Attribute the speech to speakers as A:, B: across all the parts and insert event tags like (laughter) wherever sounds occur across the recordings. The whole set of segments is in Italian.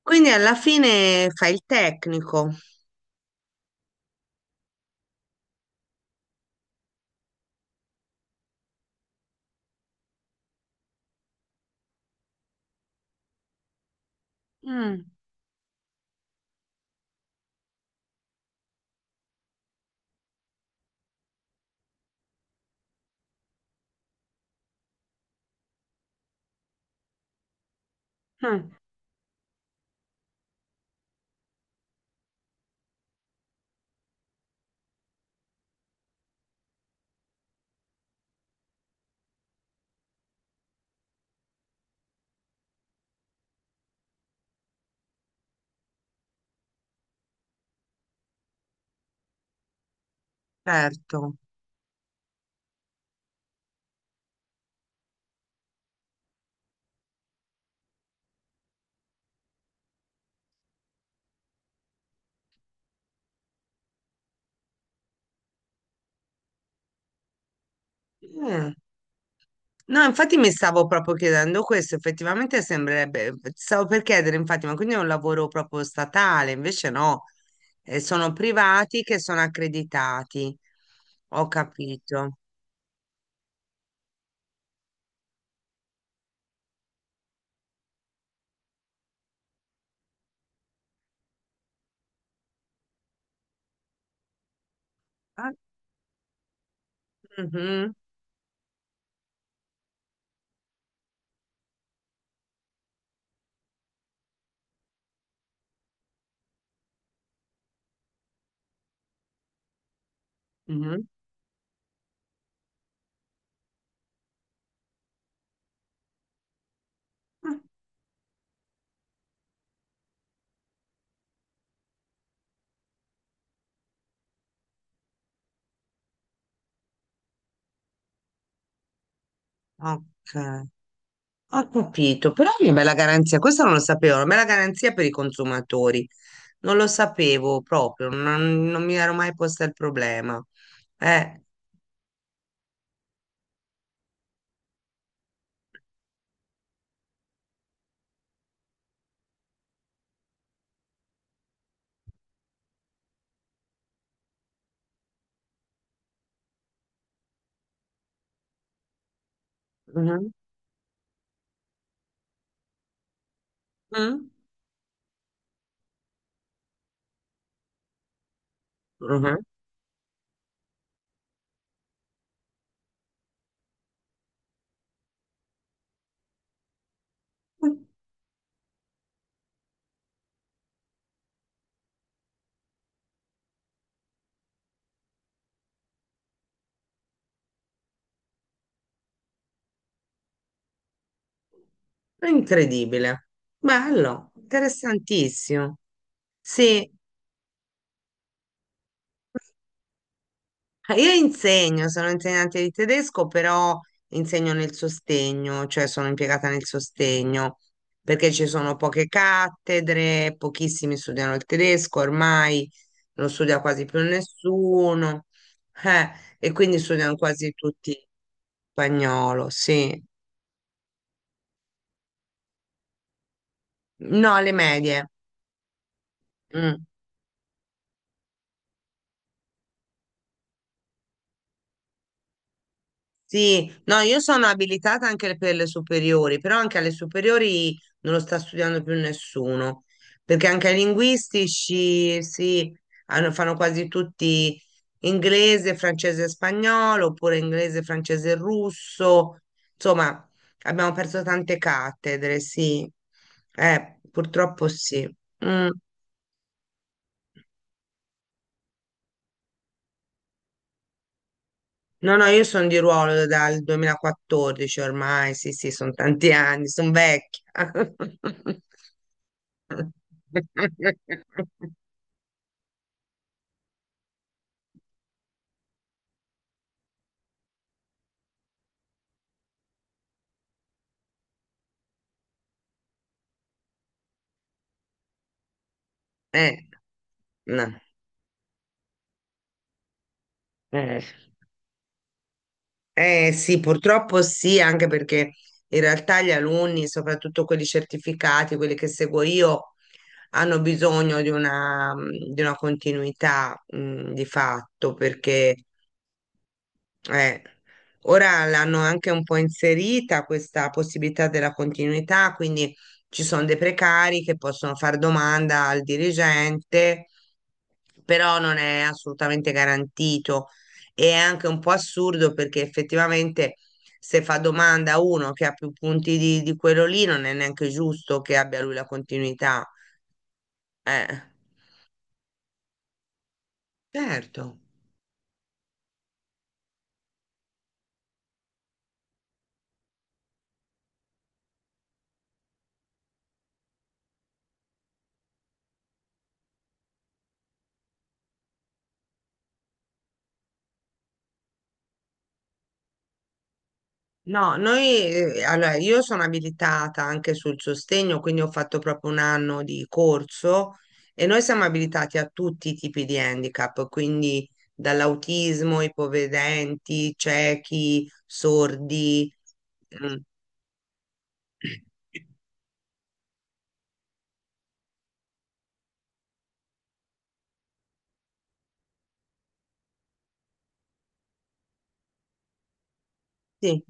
A: Quindi alla fine fai il tecnico. Mm, mm. Certo. Eh. No, infatti mi stavo proprio chiedendo questo, effettivamente sembrerebbe, stavo per chiedere, infatti, ma quindi è un lavoro proprio statale, invece no. Sono privati che sono accreditati. Ho capito. Ah, mhm, mhm. Ah, ok, ho capito, però è una bella garanzia, questo non lo sapevo, una bella garanzia per i consumatori. Non lo sapevo proprio, non mi ero mai posta il problema. Eh, mhm, mm, mhm. È incredibile. Bello, interessantissimo. Sì. Ah, io insegno, sono insegnante di tedesco, però insegno nel sostegno, cioè sono impiegata nel sostegno, perché ci sono poche cattedre, pochissimi studiano il tedesco, ormai non studia quasi più nessuno, eh, e quindi studiano quasi tutti spagnolo, sì. No, alle medie. Mm. Sì, no, io sono abilitata anche per le superiori, però anche alle superiori non lo sta studiando più nessuno, perché anche ai linguistici sì, fanno quasi tutti inglese, francese e spagnolo, oppure inglese, francese e russo. Insomma, abbiamo perso tante cattedre, sì. Purtroppo sì. Mm. No, no, io sono di ruolo dal 2014 ormai, sì, sì, sono tanti anni, sono vecchia. (laughs) Eh, no. Eh. Sì, purtroppo sì, anche perché in realtà gli alunni, soprattutto quelli certificati, quelli che seguo io, hanno bisogno di una continuità, di fatto, perché. Eh, Ora l'hanno anche un po' inserita questa possibilità della continuità, quindi ci sono dei precari che possono fare domanda al dirigente, però non è assolutamente garantito. E è anche un po' assurdo perché effettivamente se fa domanda a uno che ha più punti di quello lì, non è neanche giusto che abbia lui la continuità. Eh, certo. No, noi, allora, io sono abilitata anche sul sostegno, quindi ho fatto proprio un anno di corso e noi siamo abilitati a tutti i tipi di handicap, quindi dall'autismo, ipovedenti, ciechi, sordi. Mm. (clears throat) Sì.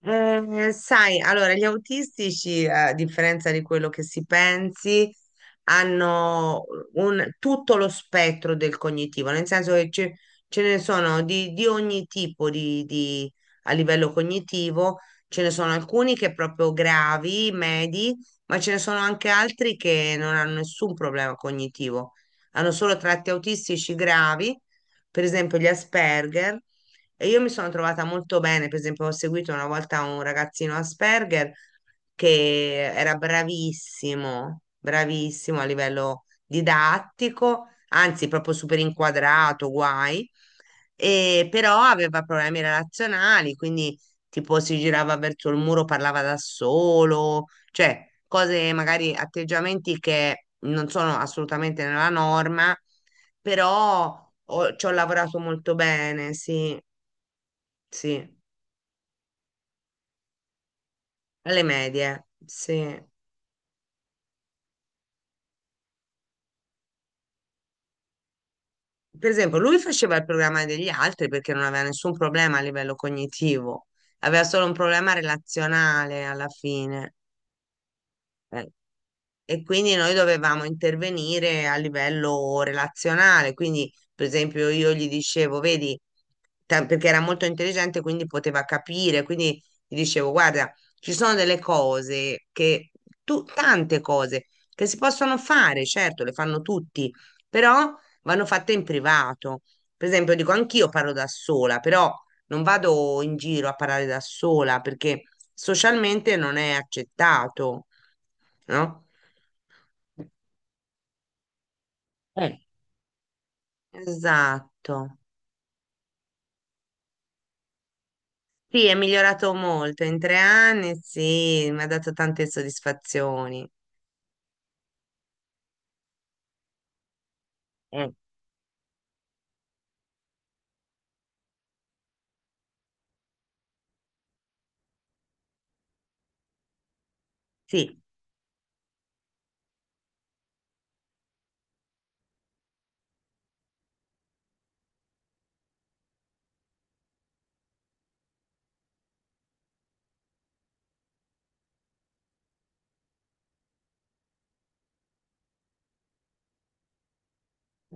A: Sai, allora, gli autistici, a differenza di quello che si pensi, hanno tutto lo spettro del cognitivo, nel senso che ce ne sono di ogni tipo a livello cognitivo, ce ne sono alcuni che proprio gravi, medi, ma ce ne sono anche altri che non hanno nessun problema cognitivo, hanno solo tratti autistici gravi, per esempio gli Asperger e io mi sono trovata molto bene, per esempio, ho seguito una volta un ragazzino Asperger che era bravissimo, bravissimo a livello didattico, anzi proprio super inquadrato, guai, e però aveva problemi relazionali, quindi tipo si girava verso il muro, parlava da solo, cioè cose, magari atteggiamenti che non sono assolutamente nella norma, però ci ho lavorato molto bene, sì, sì. Alle medie, sì. Per esempio, lui faceva il programma degli altri perché non aveva nessun problema a livello cognitivo, aveva solo un problema relazionale alla fine. Eh, E quindi noi dovevamo intervenire a livello relazionale, quindi per esempio io gli dicevo, vedi, perché era molto intelligente, quindi poteva capire, quindi gli dicevo, guarda, ci sono delle cose tante cose che si possono fare, certo, le fanno tutti, però vanno fatte in privato. Per esempio, dico, anch'io parlo da sola, però non vado in giro a parlare da sola perché socialmente non è accettato, no? Eh, esatto. Sì, è migliorato molto. In tre anni, sì, mi ha dato tante soddisfazioni. Eh. Sì,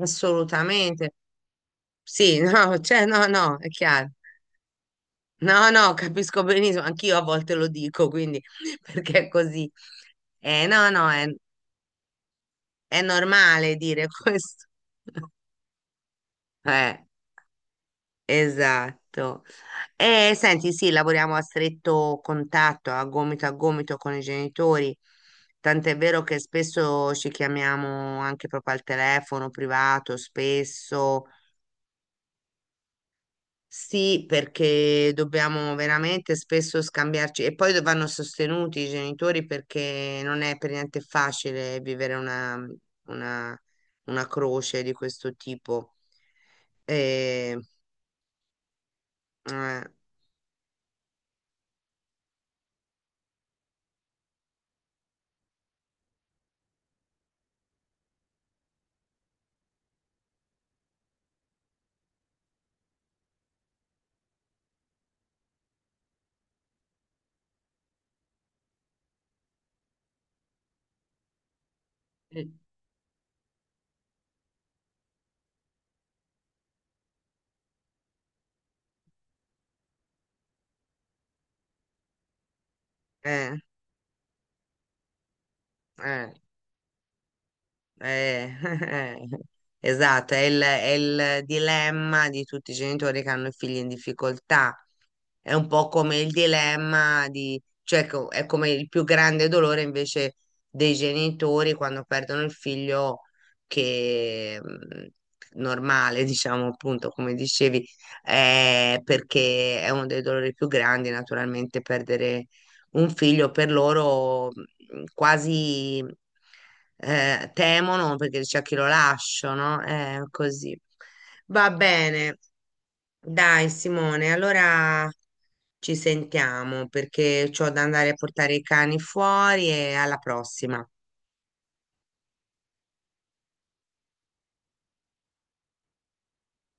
A: assolutamente. Sì, (laughs) no, cioè, no, no, è chiaro. No, no, capisco benissimo, anch'io a volte lo dico, quindi (laughs) perché è così. No, no, è normale dire questo. (laughs) Eh. Esatto. E senti, sì, lavoriamo a stretto contatto, a gomito con i genitori, tant'è vero che spesso ci chiamiamo anche proprio al telefono privato, spesso sì, perché dobbiamo veramente spesso scambiarci e poi vanno sostenuti i genitori perché non è per niente facile vivere una, una croce di questo tipo. E, eh, eh, eh. Eh, (laughs) esatto, è il dilemma di tutti i genitori che hanno figli in difficoltà, è un po' come il dilemma cioè è come il più grande dolore invece dei genitori quando perdono il figlio che normale, (laughs) diciamo appunto, come dicevi, perché è uno dei dolori più grandi, naturalmente, perdere un figlio per loro quasi temono perché c'è chi lo lascia, no? È così. Va bene, dai Simone, allora ci sentiamo perché ho da andare a portare i cani fuori e alla prossima.